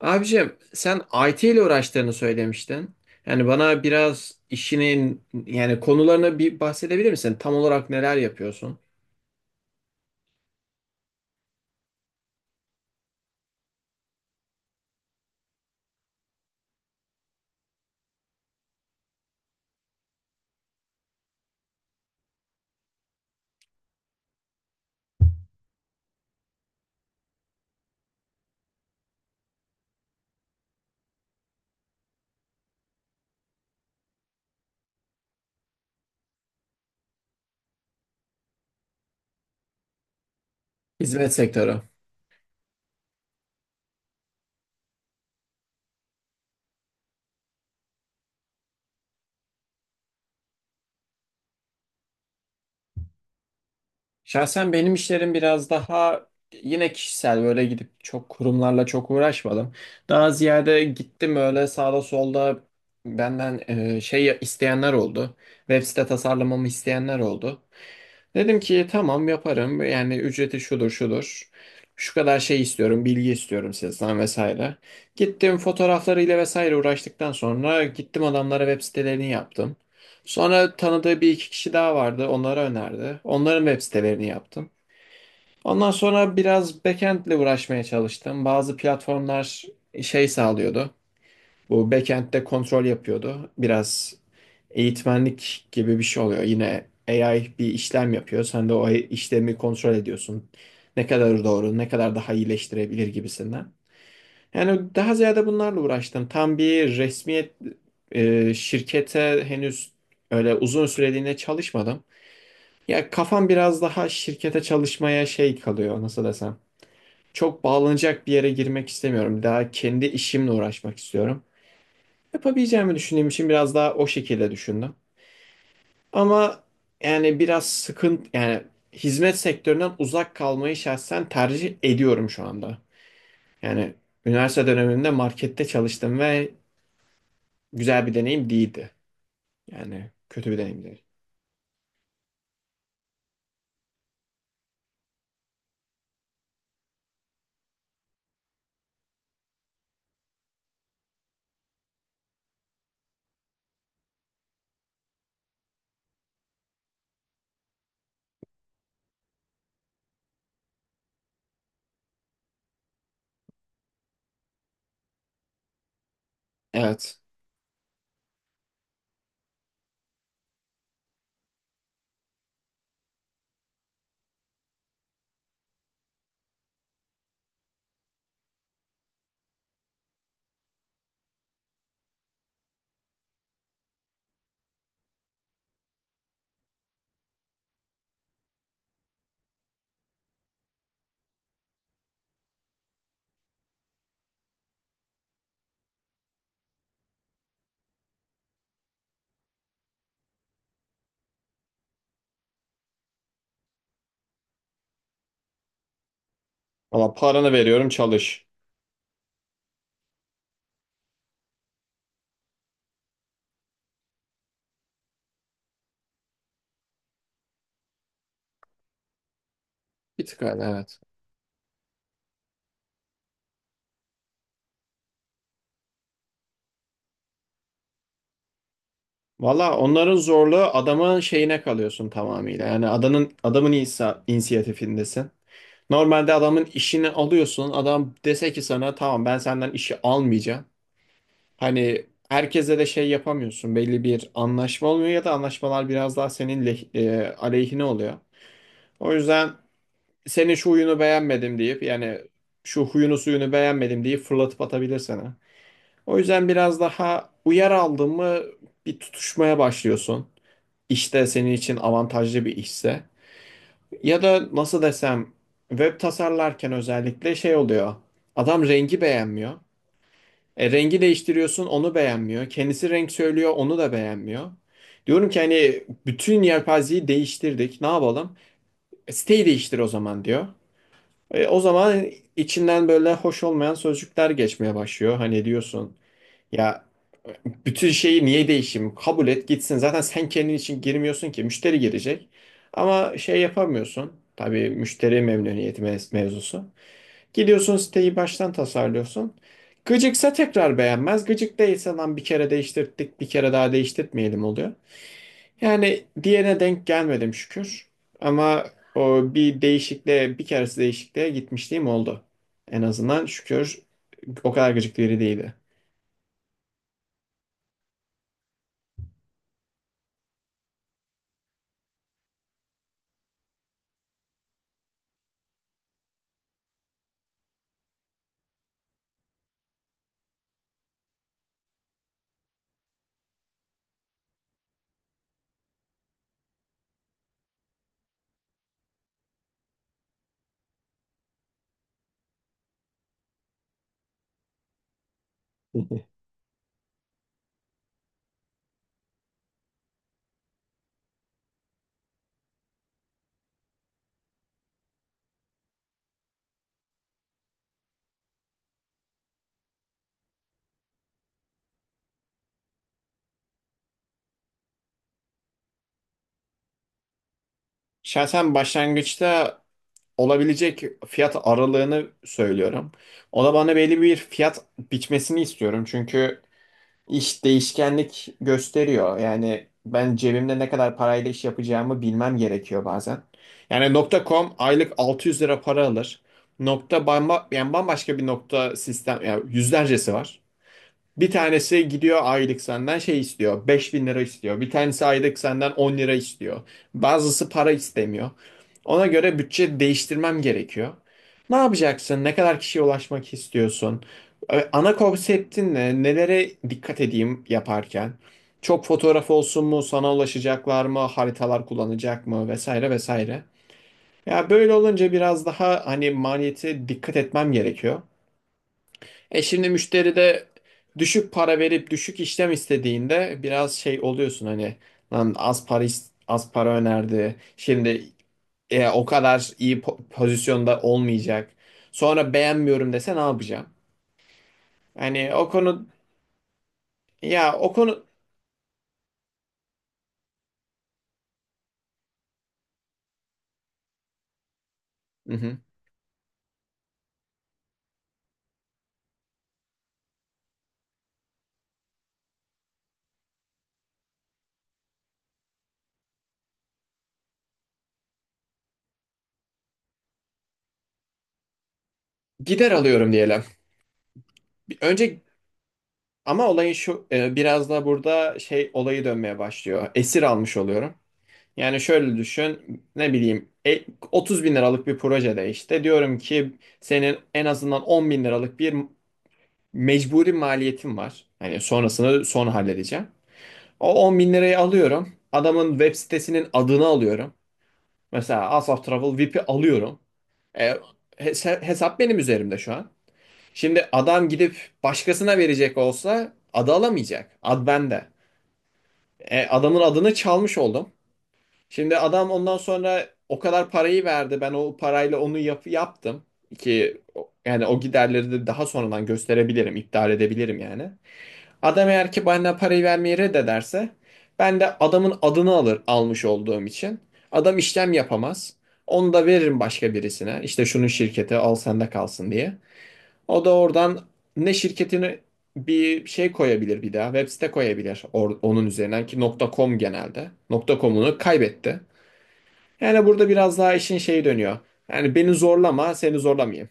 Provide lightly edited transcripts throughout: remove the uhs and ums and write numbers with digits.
Abicim sen IT ile uğraştığını söylemiştin. Yani bana biraz işinin yani konularını bir bahsedebilir misin? Tam olarak neler yapıyorsun? Hizmet sektörü. Şahsen benim işlerim biraz daha yine kişisel böyle gidip çok kurumlarla çok uğraşmadım. Daha ziyade gittim öyle sağda solda benden şey isteyenler oldu. Web site tasarlamamı isteyenler oldu. Dedim ki tamam yaparım. Yani ücreti şudur şudur. Şu kadar şey istiyorum, bilgi istiyorum sizden vesaire. Gittim fotoğraflarıyla vesaire uğraştıktan sonra gittim adamlara web sitelerini yaptım. Sonra tanıdığı bir iki kişi daha vardı, onlara önerdi. Onların web sitelerini yaptım. Ondan sonra biraz backend'le uğraşmaya çalıştım. Bazı platformlar şey sağlıyordu. Bu backend'de kontrol yapıyordu. Biraz eğitmenlik gibi bir şey oluyor. Yine AI bir işlem yapıyor. Sen de o işlemi kontrol ediyorsun. Ne kadar doğru, ne kadar daha iyileştirebilir gibisinden. Yani daha ziyade bunlarla uğraştım. Tam bir resmiyet şirkete henüz öyle uzun süreliğine çalışmadım. Ya kafam biraz daha şirkete çalışmaya şey kalıyor, nasıl desem. Çok bağlanacak bir yere girmek istemiyorum. Daha kendi işimle uğraşmak istiyorum. Yapabileceğimi düşündüğüm için biraz daha o şekilde düşündüm. Ama yani biraz sıkıntı, yani hizmet sektöründen uzak kalmayı şahsen tercih ediyorum şu anda. Yani üniversite döneminde markette çalıştım ve güzel bir deneyim değildi. Yani kötü bir deneyim değil. Evet. Valla paranı veriyorum, çalış. Bir tık öyle, evet. Valla onların zorluğu adamın şeyine kalıyorsun tamamıyla. Yani adamın inisiyatifindesin. Normalde adamın işini alıyorsun. Adam dese ki sana tamam, ben senden işi almayacağım. Hani herkese de şey yapamıyorsun. Belli bir anlaşma olmuyor ya da anlaşmalar biraz daha senin aleyhine oluyor. O yüzden senin şu huyunu beğenmedim deyip, yani şu huyunu suyunu beğenmedim deyip fırlatıp atabilir sana. O yüzden biraz daha uyar aldın mı, bir tutuşmaya başlıyorsun. İşte senin için avantajlı bir işse ya da nasıl desem, web tasarlarken özellikle şey oluyor. Adam rengi beğenmiyor. E, rengi değiştiriyorsun, onu beğenmiyor. Kendisi renk söylüyor, onu da beğenmiyor. Diyorum ki hani bütün yelpazeyi değiştirdik, ne yapalım? E, siteyi değiştir o zaman diyor. E, o zaman içinden böyle hoş olmayan sözcükler geçmeye başlıyor. Hani diyorsun ya, bütün şeyi niye değişeyim? Kabul et gitsin. Zaten sen kendin için girmiyorsun ki. Müşteri girecek. Ama şey yapamıyorsun. Tabii müşteri memnuniyeti mevzusu. Gidiyorsun, siteyi baştan tasarlıyorsun. Gıcıksa tekrar beğenmez. Gıcık değilse lan bir kere değiştirdik, bir kere daha değiştirtmeyelim oluyor. Yani diğerine denk gelmedim, şükür. Ama o bir değişikliğe, bir keresi değişikliğe gitmişliğim oldu. En azından şükür o kadar gıcık biri değildi. Şahsen başlangıçta olabilecek fiyat aralığını söylüyorum. O da bana belli bir fiyat biçmesini istiyorum. Çünkü iş değişkenlik gösteriyor. Yani ben cebimde ne kadar parayla iş yapacağımı bilmem gerekiyor bazen. Yani nokta .com aylık 600 lira para alır. Nokta yani bambaşka bir nokta sistem, yani yüzlercesi var. Bir tanesi gidiyor, aylık senden şey istiyor, 5.000 lira istiyor. Bir tanesi aylık senden 10 lira istiyor. Bazısı para istemiyor. Ona göre bütçe değiştirmem gerekiyor. Ne yapacaksın? Ne kadar kişiye ulaşmak istiyorsun? Ana konseptin ne? Nelere dikkat edeyim yaparken? Çok fotoğraf olsun mu? Sana ulaşacaklar mı? Haritalar kullanacak mı? Vesaire vesaire. Ya böyle olunca biraz daha hani maliyete dikkat etmem gerekiyor. E şimdi müşteri de düşük para verip düşük işlem istediğinde biraz şey oluyorsun, hani lan az para az para önerdi. Şimdi e, o kadar iyi pozisyonda olmayacak. Sonra beğenmiyorum dese ne yapacağım? Hani o konu, ya o konu. Hı hı. Gider alıyorum diyelim. Önce ama olayın şu, e, biraz da burada şey olayı dönmeye başlıyor. Esir almış oluyorum. Yani şöyle düşün, ne bileyim, 30 bin liralık bir projede işte diyorum ki senin en azından 10 bin liralık bir mecburi maliyetin var. Hani sonrasını sonra halledeceğim. O 10 bin lirayı alıyorum. Adamın web sitesinin adını alıyorum. Mesela Asaf Travel VIP'i alıyorum. E, hesap benim üzerimde şu an. Şimdi adam gidip başkasına verecek olsa adı alamayacak. Ad bende. E, adamın adını çalmış oldum. Şimdi adam ondan sonra o kadar parayı verdi. Ben o parayla onu yaptım. Ki o- yani o giderleri de daha sonradan gösterebilirim, iptal edebilirim yani. Adam eğer ki bana parayı vermeyi reddederse ben de adamın adını almış olduğum için. Adam işlem yapamaz. Onu da veririm başka birisine. İşte şunun şirketi al, sende kalsın diye. O da oradan ne şirketini bir şey koyabilir bir daha. Web site koyabilir, onun üzerinden ki .com genelde. .com'unu kaybetti. Yani burada biraz daha işin şeyi dönüyor. Yani beni zorlama, seni zorlamayayım.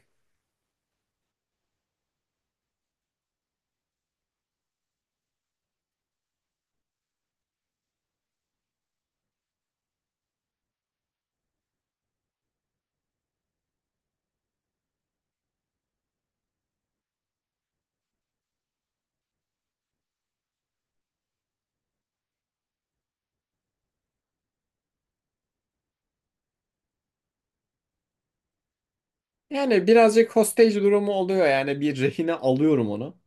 Yani birazcık hostage durumu oluyor, yani bir rehine alıyorum onu.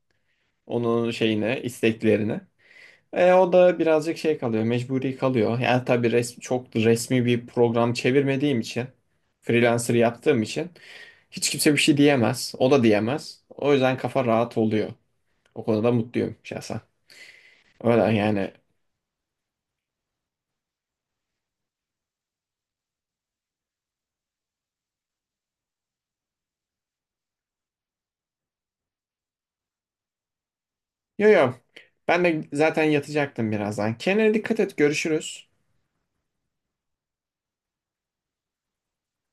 Onun şeyine, isteklerine. E, o da birazcık şey kalıyor, mecburi kalıyor. Yani tabii çok resmi bir program çevirmediğim için, freelancer yaptığım için hiç kimse bir şey diyemez. O da diyemez. O yüzden kafa rahat oluyor. O konuda mutluyum şahsen. Öyle yani. Yo yo. Ben de zaten yatacaktım birazdan. Kendine dikkat et. Görüşürüz.